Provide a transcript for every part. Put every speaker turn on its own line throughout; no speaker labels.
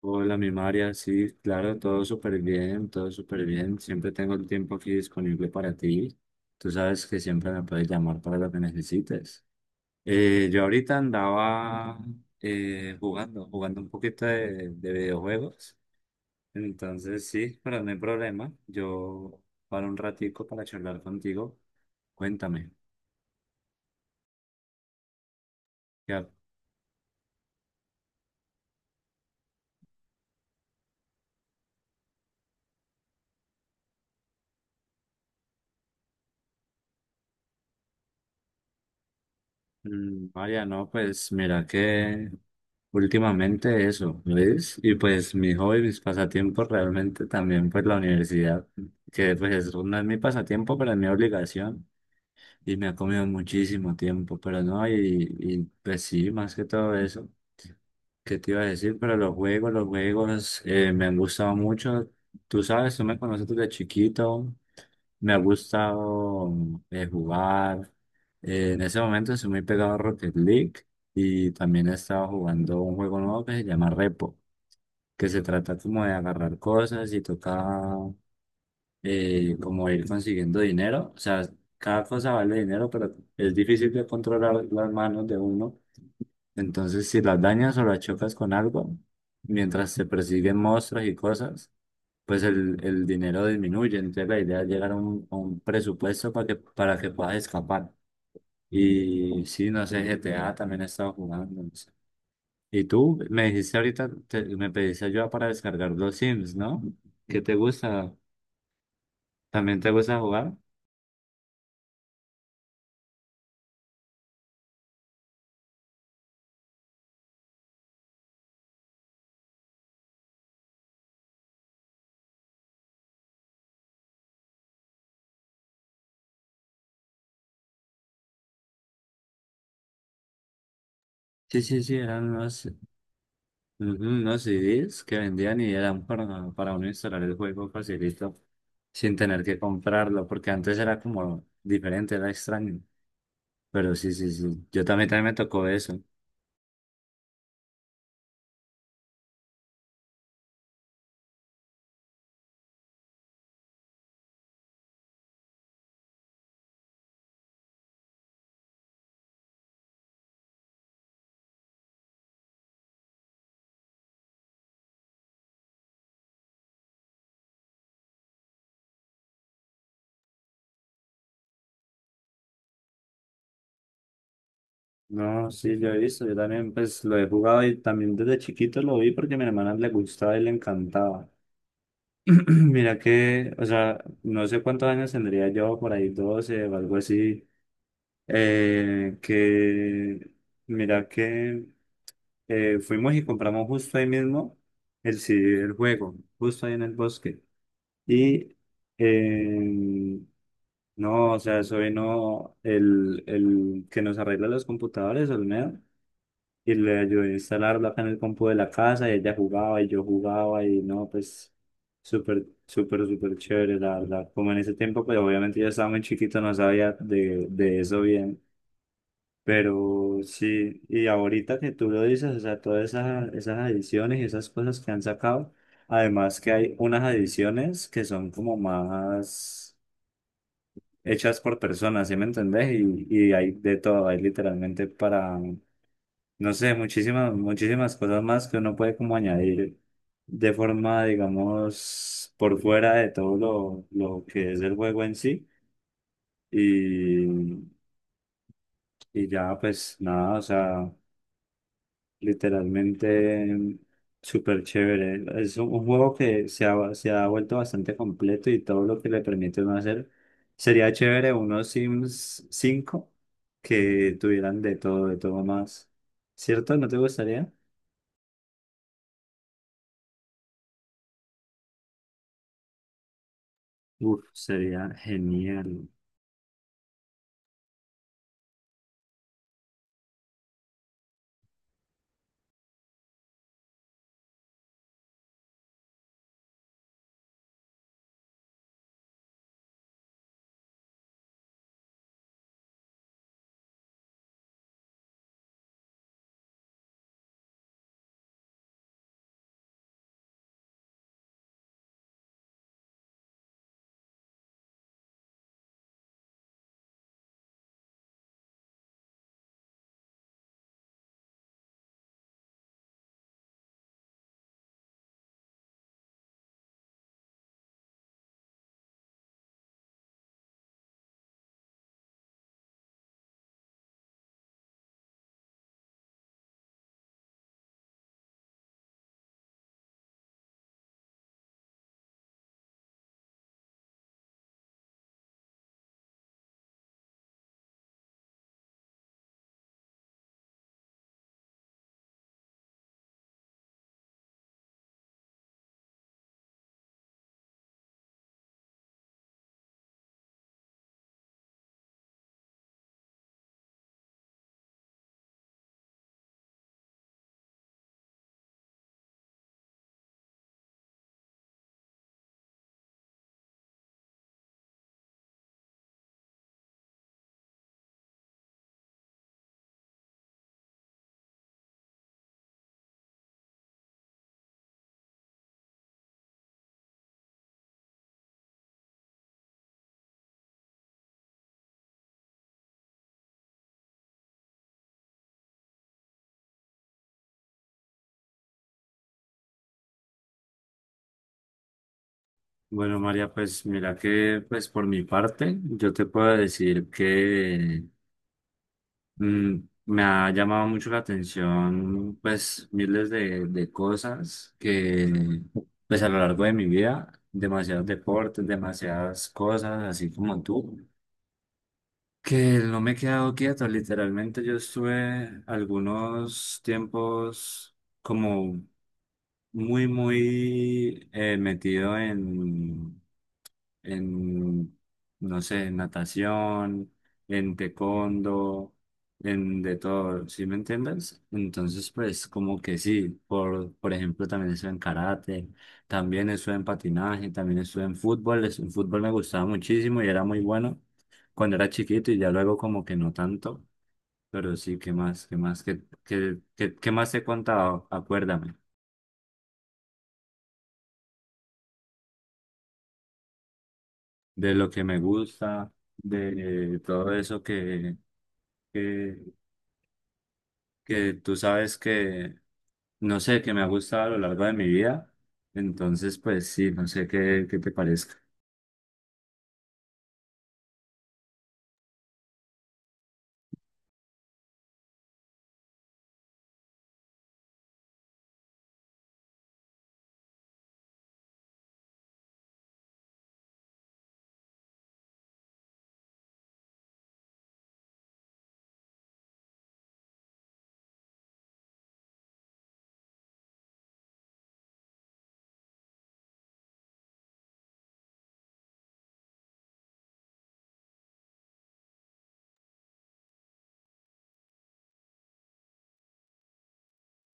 Hola, mi María, sí, claro, todo súper bien, todo súper bien. Siempre tengo el tiempo aquí disponible para ti. Tú sabes que siempre me puedes llamar para lo que necesites. Yo ahorita andaba jugando, jugando un poquito de videojuegos. Entonces, sí, pero no hay problema. Yo para un ratico para charlar contigo. Cuéntame. Ya, María, no, pues mira que últimamente eso, ¿ves? Y pues mi hobby, mis pasatiempos realmente también pues la universidad, que pues no es mi pasatiempo, pero es mi obligación y me ha comido muchísimo tiempo, pero no, y pues sí, más que todo eso, ¿qué te iba a decir? Pero los juegos me han gustado mucho, tú sabes, tú me conoces desde chiquito, me ha gustado jugar. En ese momento soy muy pegado a Rocket League y también he estado jugando un juego nuevo que se llama Repo, que se trata como de agarrar cosas y toca como ir consiguiendo dinero. O sea, cada cosa vale dinero, pero es difícil de controlar las manos de uno. Entonces, si las dañas o las chocas con algo, mientras se persiguen monstruos y cosas pues el dinero disminuye. Entonces la idea es llegar a a un presupuesto para que puedas escapar. Y sí, no sé, GTA también he estado jugando. No sé. Y tú me dijiste ahorita, me pediste ayuda para descargar los Sims, ¿no? ¿Qué te gusta? ¿También te gusta jugar? Sí, sí, sí, eran unos, ujú, unos CDs que vendían y eran para uno instalar el juego facilito, sin tener que comprarlo, porque antes era como diferente, era extraño. Pero sí, sí, sí, yo también, también me tocó eso. No, sí, yo he visto, yo también pues lo he jugado y también desde chiquito lo vi porque a mi hermana le gustaba y le encantaba. Mira que, o sea, no sé cuántos años tendría yo, por ahí 12 o algo así, que mira que fuimos y compramos justo ahí mismo el CD del juego, justo ahí en el bosque. Y eh, no, o sea, eso vino el que nos arregla los computadores, Olmedo, y le ayudé a instalarlo acá en el compu de la casa y ella jugaba y yo jugaba y no, pues súper, súper, súper chévere, la verdad. Como en ese tiempo, pues obviamente yo estaba muy chiquito, no sabía de eso bien, pero sí, y ahorita que tú lo dices, o sea, todas esas, esas ediciones y esas cosas que han sacado, además que hay unas ediciones que son como más hechas por personas, ¿sí me entendés? Y hay de todo, hay literalmente para no sé, muchísimas, muchísimas cosas más que uno puede como añadir de forma, digamos, por fuera de todo lo que es el juego en sí. Y, y ya, pues nada, o sea, literalmente súper chévere. Es un juego que se ha vuelto bastante completo y todo lo que le permite uno hacer. Sería chévere unos Sims 5 que tuvieran de todo más. ¿Cierto? ¿No te gustaría? Uf, sería genial. Bueno, María, pues mira que pues por mi parte, yo te puedo decir que mm, me ha llamado mucho la atención pues miles de cosas que pues a lo largo de mi vida, demasiados deportes, demasiadas cosas, así como tú. Que no me he quedado quieto, literalmente yo estuve algunos tiempos como muy, muy metido en, no sé, en natación, en taekwondo, en de todo, ¿sí me entiendes? Entonces, pues como que sí, por ejemplo, también estuve en karate, también estuve en patinaje, también estuve en fútbol, en fútbol me gustaba muchísimo y era muy bueno cuando era chiquito y ya luego como que no tanto, pero sí, ¿qué más? ¿Qué más? ¿Qué, qué, qué, qué más te he contado? Acuérdame de lo que me gusta, de todo eso que, que tú sabes que, no sé, que me ha gustado a lo largo de mi vida. Entonces, pues sí, no sé qué, qué te parezca.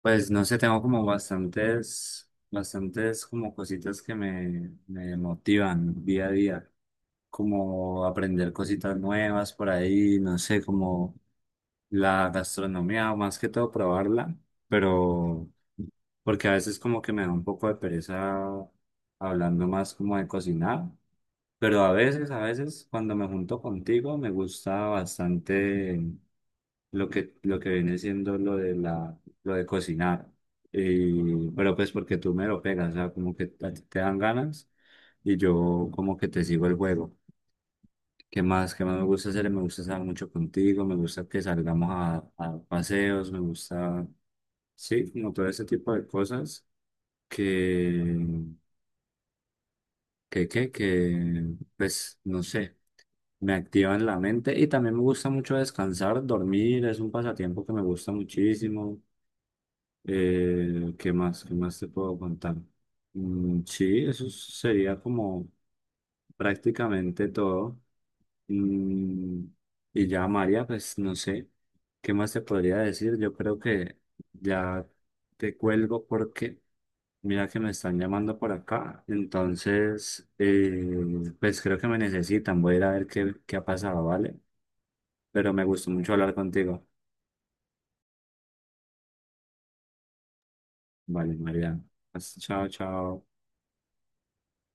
Pues no sé, tengo como bastantes, bastantes como cositas que me motivan día a día, como aprender cositas nuevas por ahí, no sé, como la gastronomía, más que todo probarla, pero porque a veces como que me da un poco de pereza hablando más como de cocinar, pero a veces cuando me junto contigo me gusta bastante lo que viene siendo lo de lo de cocinar. Y, pero pues porque tú me lo pegas, o sea, como que a ti te dan ganas y yo como que te sigo el juego. ¿Qué más? ¿Qué más me gusta hacer? Me gusta estar mucho contigo, me gusta que salgamos a paseos, me gusta, sí, como todo ese tipo de cosas que, que, pues, no sé, me activan la mente y también me gusta mucho descansar, dormir, es un pasatiempo que me gusta muchísimo. ¿Qué más? ¿Qué más te puedo contar? Mm, sí, eso sería como prácticamente todo. Mm, y ya, María, pues no sé, ¿qué más te podría decir? Yo creo que ya te cuelgo porque mira que me están llamando por acá. Entonces, pues creo que me necesitan. Voy a ir a ver qué, qué ha pasado, ¿vale? Pero me gustó mucho hablar contigo. Vale, María. Chao, chao.